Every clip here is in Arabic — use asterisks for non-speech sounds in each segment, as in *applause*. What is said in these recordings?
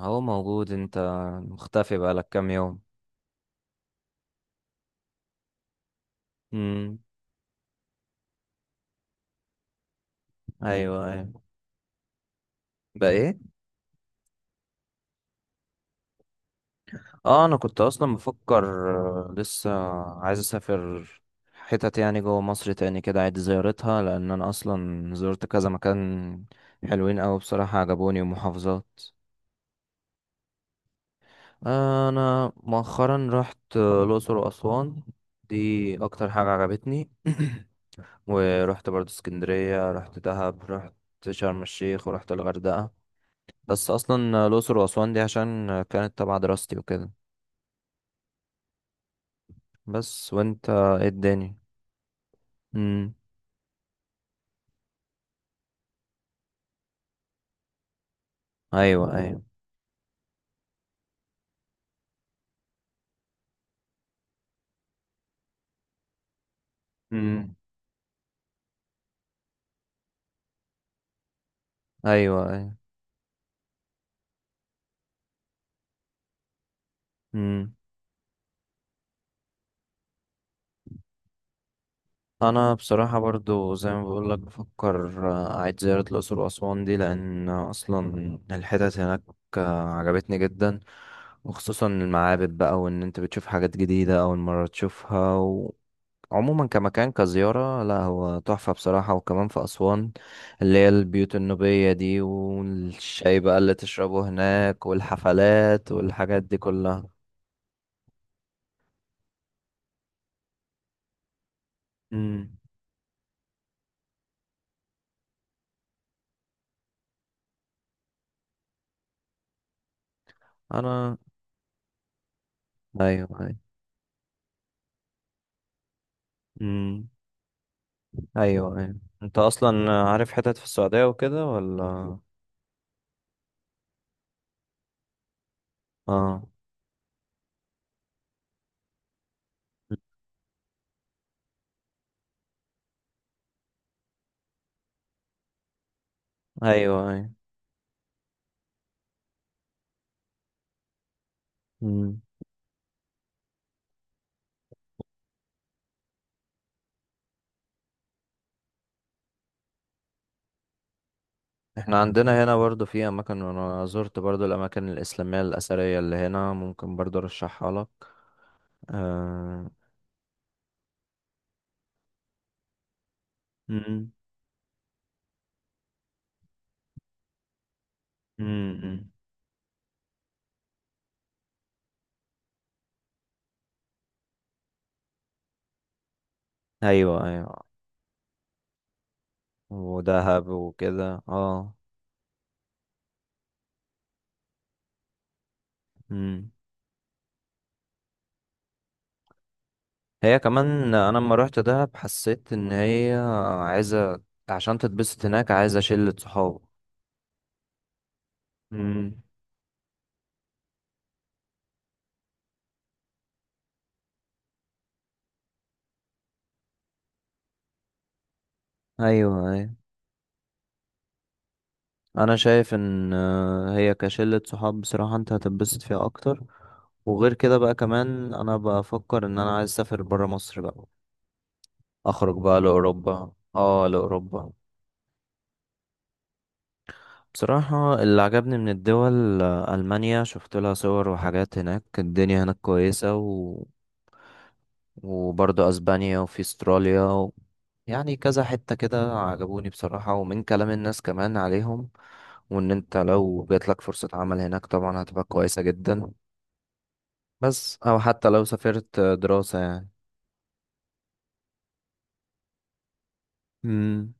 هو موجود؟ انت مختفي بقالك كام يوم. امم. ايوه، ايوه. بقى ايه؟ اه، انا كنت اصلا بفكر. لسه عايز اسافر حتت يعني جوه مصر تاني كده عيد زيارتها، لان انا اصلا زرت كذا مكان حلوين اوي بصراحة عجبوني، ومحافظات. انا مؤخرا رحت الاقصر واسوان. دي اكتر حاجة عجبتني. *clears throat* ورحت برضه اسكندرية، رحت دهب، رحت شرم الشيخ، ورحت الغردقة. بس اصلا الاقصر واسوان دي عشان كانت تبع دراستي وكده. بس وانت ايه الدنيا؟ امم. ايوه، ايوه. امم. ايوه، ايوه. امم. انا بصراحه برضو زي ما بقول لك بفكر اعيد زياره الاقصر واسوان دي، لان اصلا الحتت هناك عجبتني جدا. وخصوصا المعابد بقى، وان انت بتشوف حاجات جديده اول مره تشوفها. عموما كمكان كزيارة، لا هو تحفة بصراحة. وكمان في أسوان اللي هي البيوت النوبية دي، والشاي بقى اللي تشربه هناك، والحفلات والحاجات دي كلها. امم. أنا. أيوه، أيوه. امم. أيوه، أيوه. أنت أصلا عارف حتت في السعودية وكده ولا؟ آه. أيوه، أيوه. امم. احنا عندنا هنا برضو في اماكن، وانا زرت برضو الاماكن الاسلاميه الاثريه اللي هنا، ممكن برضو ارشحها لك. آه. امم. ايوه، ايوه. ودهب وكده، اه. امم. هي كمان، انا لما روحت دهب حسيت ان هي عايزه عشان تتبسط هناك عايزه شله صحاب. امم. ايوه، ايوه. انا شايف ان هي كشله صحاب بصراحه انت هتتبسط فيها اكتر. وغير كده بقى كمان انا بفكر ان انا عايز اسافر برا مصر بقى، اخرج بقى لاوروبا، اه، لاوروبا. بصراحة اللي عجبني من الدول ألمانيا، شفت لها صور وحاجات هناك الدنيا هناك كويسة، وبرضه أسبانيا، وفي أستراليا، يعني كذا حتة كده عجبوني بصراحة، ومن كلام الناس كمان عليهم. وإن أنت لو جاتلك فرصة عمل هناك طبعا هتبقى كويسة جدا. بس أو حتى لو سافرت دراسة يعني. امم.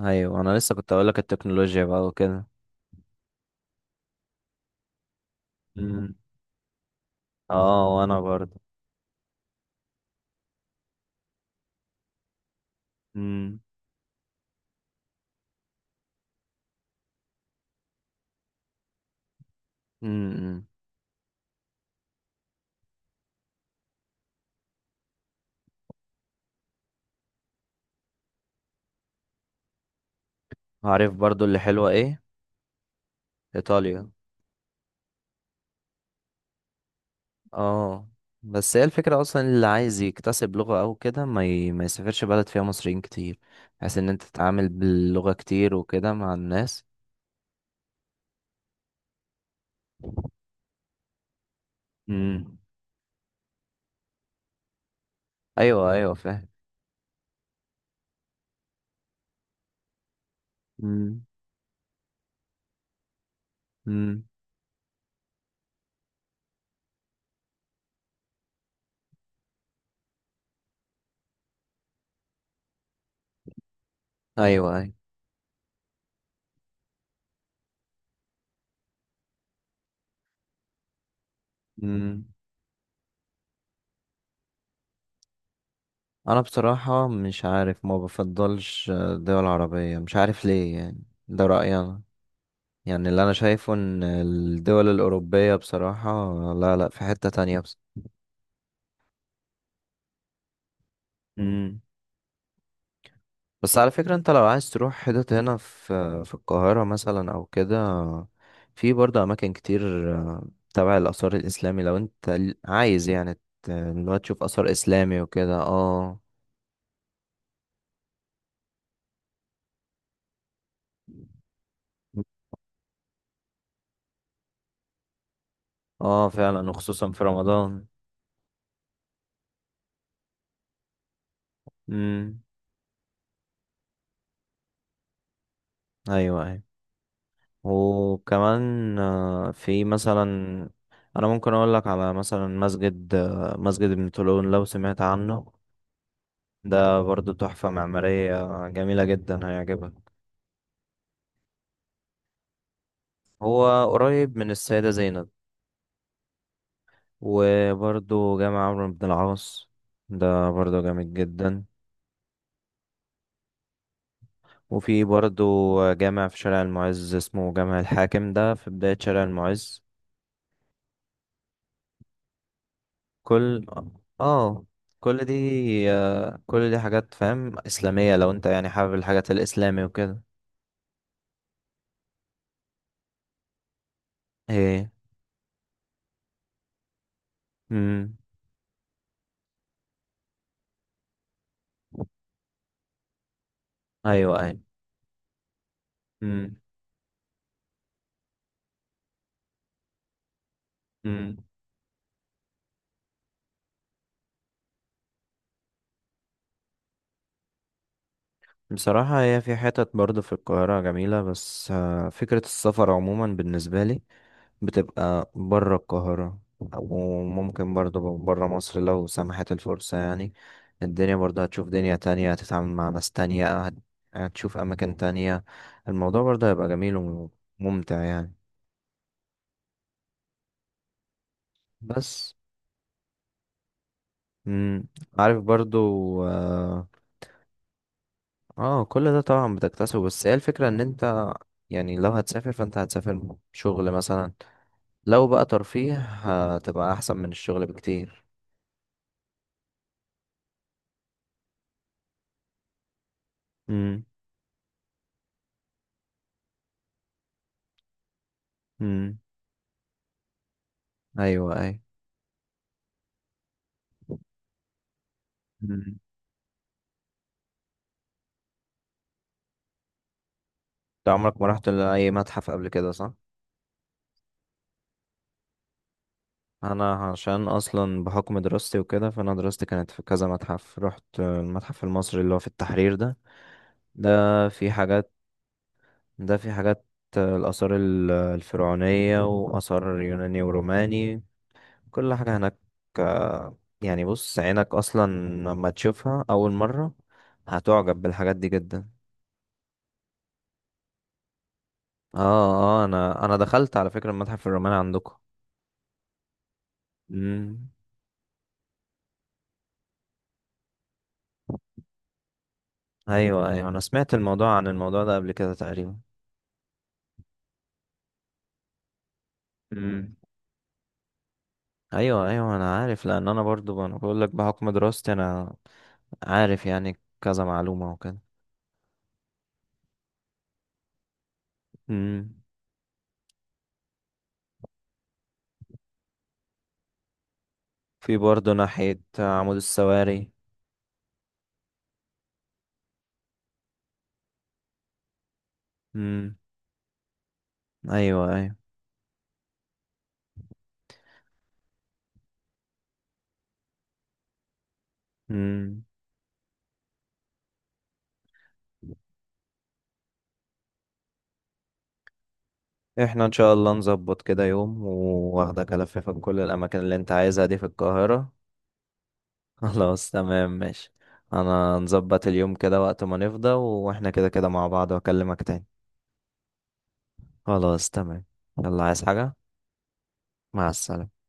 أيوة أنا لسه كنت أقولك التكنولوجيا بقى وكده. امم. اه، وأنا برضه. امم. عارف برضو اللي حلوة ايه؟ ايطاليا. اه. بس هي الفكرة اصلا اللي عايز يكتسب لغة او كده ما يسافرش بلد فيها مصريين كتير، بحيث ان انت تتعامل باللغة كتير وكده مع الناس. امم. ايوه، ايوه، فاهم. امم. امم. ايوه، ايوه. امم. انا بصراحة مش عارف، ما بفضلش دول عربية، مش عارف ليه، يعني ده رأيي انا. يعني اللي انا شايفه ان الدول الأوروبية بصراحة لا لا، في حتة تانية. بس. بس على فكرة انت لو عايز تروح حتت هنا في القاهرة مثلا او كده، في برضه اماكن كتير تبع الاثار الاسلامي، لو انت عايز يعني اللي هو تشوف اثار اسلامي وكده. اه. اه، فعلا وخصوصا في رمضان. امم. ايوه، ايوه. وكمان في مثلا، انا ممكن اقول لك على مثلا مسجد مسجد ابن طولون، لو سمعت عنه. ده برضه تحفة معمارية جميلة جدا، هيعجبك. هو قريب من السيدة زينب. وبرضه جامع عمرو بن العاص، ده برضه جامد جدا. وفي برضه جامع في شارع المعز اسمه جامع الحاكم، ده في بداية شارع المعز. كل اه كل دي آه، كل دي حاجات فاهم إسلامية، لو انت يعني حابب الحاجات الإسلامي وكده. ايه. امم. ايوه، ايوه. امم. امم. بصراحة هي في حتت برضه في القاهرة جميلة، بس فكرة السفر عموما بالنسبة لي بتبقى بره القاهرة، وممكن برضه بره مصر لو سمحت الفرصة يعني. الدنيا برضه هتشوف دنيا تانية، هتتعامل مع ناس تانية، هتشوف أماكن تانية. الموضوع برضه هيبقى جميل وممتع يعني. بس. مم. عارف برضه. اه. كل ده طبعا بتكتسبه، بس هي الفكرة ان انت يعني لو هتسافر فانت هتسافر شغل مثلا، لو بقى ترفيه هتبقى احسن من الشغل بكتير. مم. مم. ايوه، اي. انت عمرك ما رحت لأي متحف قبل كده، صح؟ أنا عشان أصلا بحكم دراستي وكده، فأنا دراستي كانت في كذا متحف. رحت المتحف المصري اللي هو في التحرير ده. ده فيه حاجات ده فيه حاجات الآثار الفرعونية وآثار يوناني وروماني، كل حاجة هناك. يعني بص عينك أصلا لما تشوفها أول مرة هتعجب بالحاجات دي جدا. اه. اه، انا دخلت على فكرة المتحف الروماني عندكم. ايوه، ايوه. انا سمعت الموضوع عن الموضوع ده قبل كده تقريبا. امم. ايوه، ايوه، انا عارف، لان انا برضو انا بقول لك بحكم دراستي انا عارف يعني كذا معلومه وكده. امم. في برضو ناحيه عمود السواري. امم. ايوه، ايوه. امم. احنا ان شاء الله نظبط كده يوم واخدك الففك كل الاماكن اللي انت عايزها دي في القاهره. *laughs* خلاص تمام، ماشي. انا نظبط اليوم كده وقت ما نفضى، واحنا كده كده مع بعض، واكلمك تاني. خلاص تمام. يلا، عايز حاجة؟ مع السلامة.